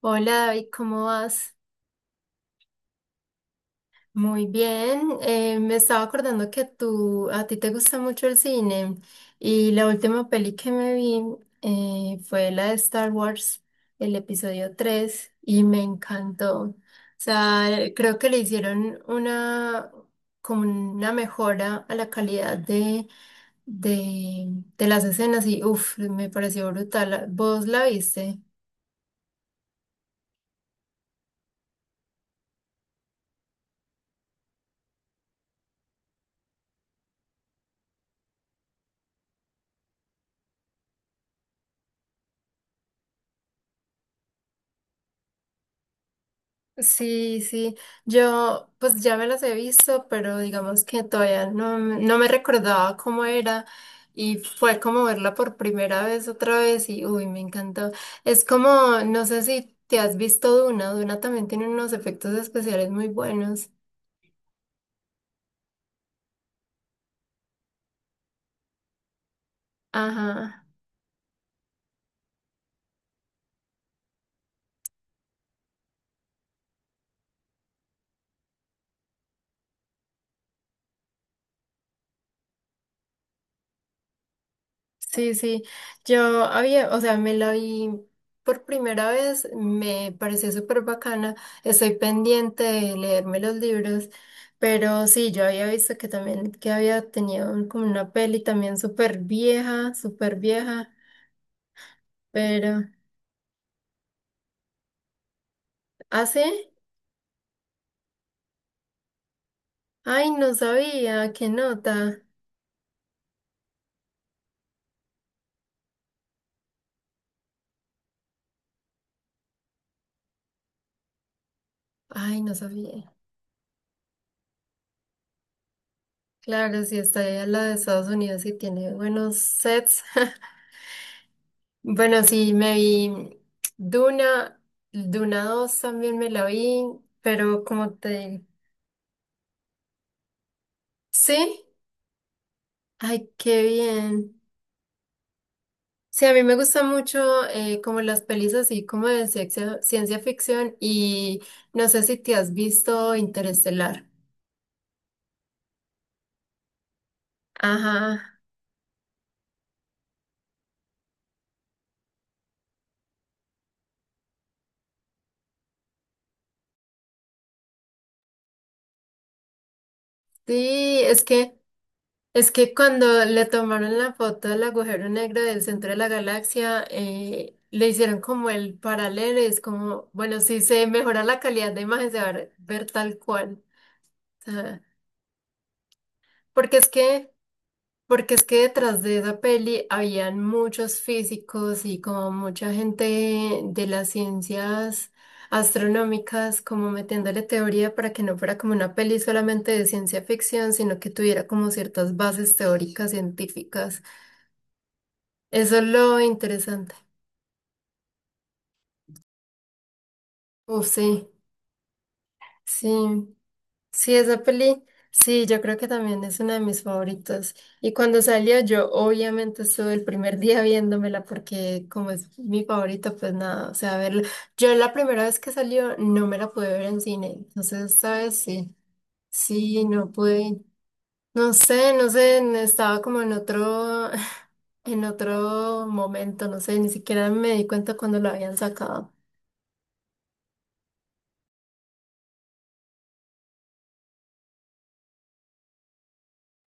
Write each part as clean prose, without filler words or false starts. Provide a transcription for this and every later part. Hola David, ¿cómo vas? Muy bien. Me estaba acordando que a ti te gusta mucho el cine y la última peli que me vi fue la de Star Wars, el episodio 3 y me encantó. O sea, creo que le hicieron una, como una mejora a la calidad de, de las escenas y uff, me pareció brutal. ¿Vos la viste? Sí, sí, yo pues ya me las he visto, pero digamos que todavía no me recordaba cómo era y fue como verla por primera vez otra vez y uy, me encantó. Es como, no sé si te has visto Duna, Duna también tiene unos efectos especiales muy buenos. Ajá. Sí, sí, yo había, o sea, me la vi por primera vez, me pareció súper bacana, estoy pendiente de leerme los libros, pero sí, yo había visto que también, que había tenido como una peli también súper vieja, pero, ¿ah, sí? Ay, no sabía, qué nota, ay, no sabía. Claro, si está ahí a la de Estados Unidos y tiene buenos sets. Bueno, sí, me vi Duna, Duna dos también me la vi, pero como te... Sí, ay, qué bien. Sí, a mí me gusta mucho como las pelis así como de ciencia, ciencia ficción y no sé si te has visto Interestelar. Ajá, sí, es que... Es que cuando le tomaron la foto del agujero negro del centro de la galaxia, le hicieron como el paralelo, y es como, bueno, si se mejora la calidad de imagen, se va a ver tal cual. O sea, porque es que, porque es que detrás de esa peli habían muchos físicos y como mucha gente de las ciencias astronómicas, como metiéndole teoría para que no fuera como una peli solamente de ciencia ficción, sino que tuviera como ciertas bases teóricas científicas. Eso es lo interesante. Uf, sí, sí, sí, esa peli, sí, yo creo que también es una de mis favoritas. Y cuando salió, yo obviamente estuve el primer día viéndomela porque como es mi favorita, pues nada, o sea, verla. Yo la primera vez que salió no me la pude ver en cine, entonces esta vez sí, sí, no pude, no sé, no sé, estaba como en otro, en otro momento, no sé, ni siquiera me di cuenta cuando la habían sacado.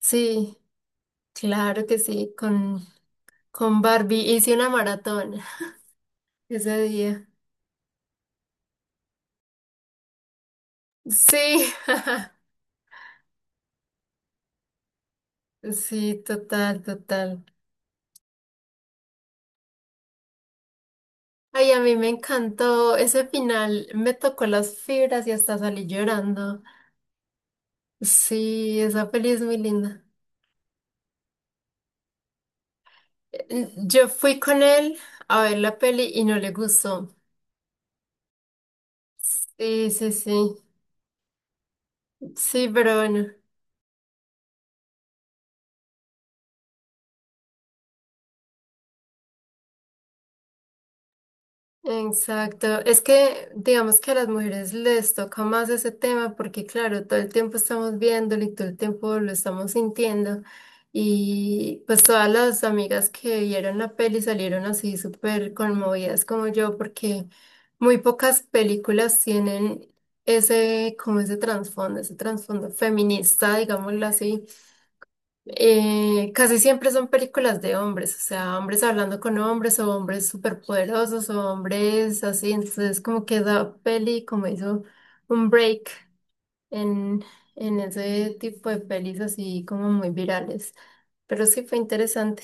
Sí. Claro que sí, con Barbie hice una maratón ese día. Sí, sí, total, total. Ay, a mí me encantó ese final, me tocó las fibras y hasta salí llorando. Sí, esa peli es muy linda. Yo fui con él a ver la peli y no le gustó. Sí, sí, sí, sí, pero bueno. Exacto, es que digamos que a las mujeres les toca más ese tema porque claro, todo el tiempo estamos viéndolo y todo el tiempo lo estamos sintiendo y pues todas las amigas que vieron la peli salieron así súper conmovidas como yo porque muy pocas películas tienen ese como ese trasfondo feminista, digámoslo así. Casi siempre son películas de hombres, o sea, hombres hablando con hombres o hombres superpoderosos o hombres así, entonces como que esa peli como hizo un break en, en ese tipo de pelis así como muy virales, pero sí fue interesante.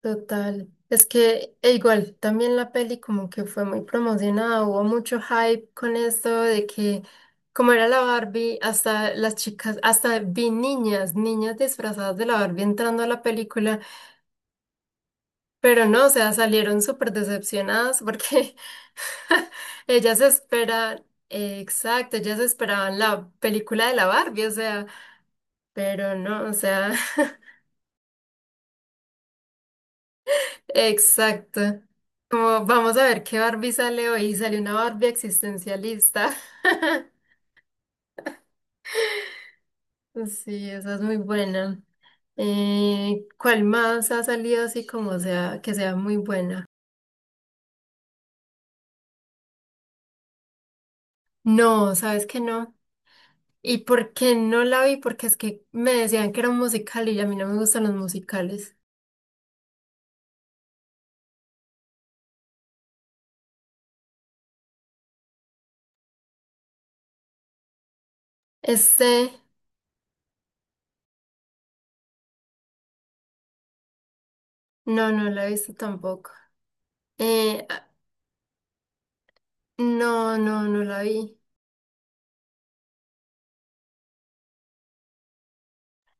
Total. Es que e igual también la peli como que fue muy promocionada, hubo mucho hype con esto de que como era la Barbie, hasta las chicas, hasta vi niñas, niñas disfrazadas de la Barbie entrando a la película, pero no, o sea, salieron súper decepcionadas porque ellas esperan, exacto, ellas esperaban la película de la Barbie, o sea, pero no, o sea... Exacto. Como vamos a ver qué Barbie sale hoy. Salió una Barbie existencialista. Sí, esa es muy buena. ¿Cuál más ha salido así como sea, que sea muy buena? No, sabes que no. ¿Y por qué no la vi? Porque es que me decían que era un musical y a mí no me gustan los musicales. Este, no, no la he visto tampoco. Eh, ah, no, no, no la vi.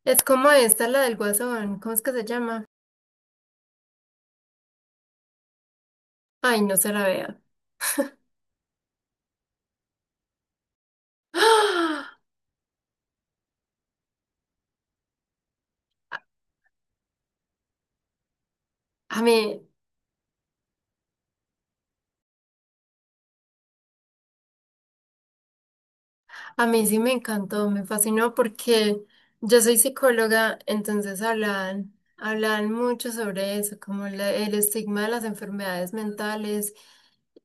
Es como esta, la del Guasón. ¿Cómo es que se llama? Ay, no se la vea. ¡Ah! A mí, a mí sí me encantó, me fascinó porque yo soy psicóloga, entonces hablan, hablan mucho sobre eso, como el estigma de las enfermedades mentales.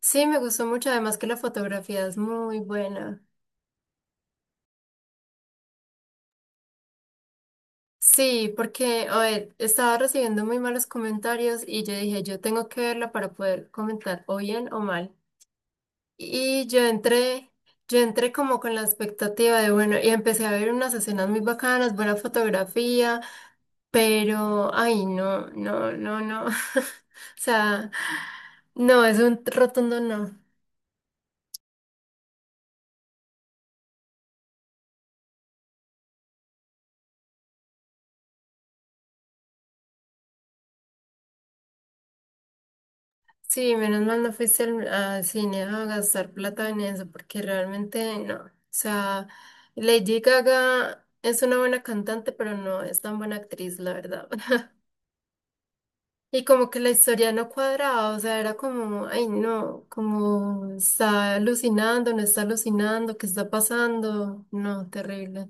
Sí, me gustó mucho, además que la fotografía es muy buena. Sí, porque, a ver, estaba recibiendo muy malos comentarios y yo dije, yo tengo que verla para poder comentar o bien o mal. Y yo entré, yo entré como con la expectativa de, bueno, y empecé a ver unas escenas muy bacanas, buena fotografía, pero, ay, no, no, no, no. O sea, no, es un rotundo no. Sí, menos mal no fuiste al cine a gastar plata en eso, porque realmente no. O sea, Lady Gaga es una buena cantante, pero no es tan buena actriz, la verdad. Y como que la historia no cuadraba, o sea, era como, ay no, como está alucinando, no está alucinando, ¿qué está pasando? No, terrible.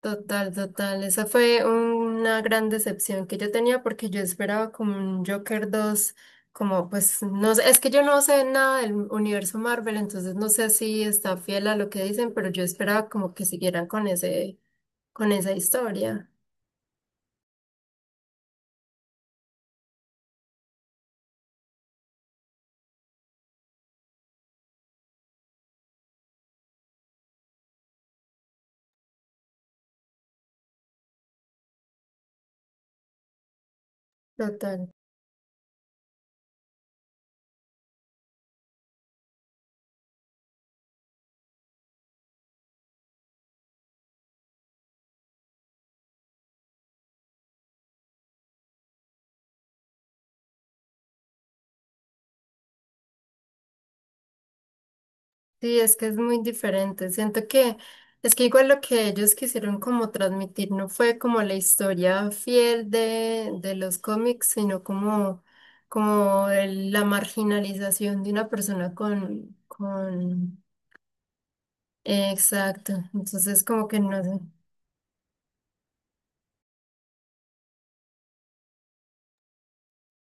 Total, total. Esa fue una gran decepción que yo tenía porque yo esperaba como un Joker 2, como pues no sé, es que yo no sé nada del universo Marvel, entonces no sé si está fiel a lo que dicen, pero yo esperaba como que siguieran con ese, con esa historia. Total. Sí, es que es muy diferente. Siento que es que igual lo que ellos quisieron como transmitir no fue como la historia fiel de los cómics, sino como, como la marginalización de una persona con... Exacto. Entonces como que no sé.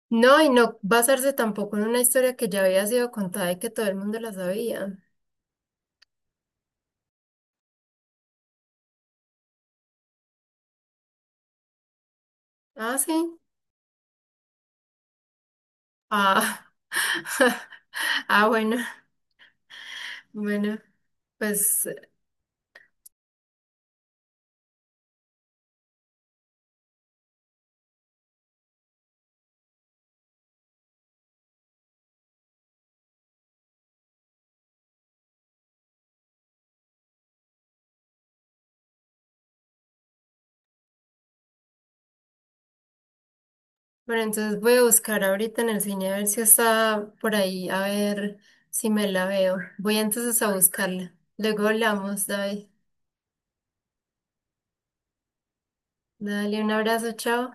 No, y no basarse tampoco en una historia que ya había sido contada y que todo el mundo la sabía. Ah, sí. Ah. Ah, bueno. Bueno. Pues bueno, entonces voy a buscar ahorita en el cine a ver si está por ahí, a ver si me la veo. Voy entonces a buscarla. Luego hablamos, David. Dale un abrazo, chao.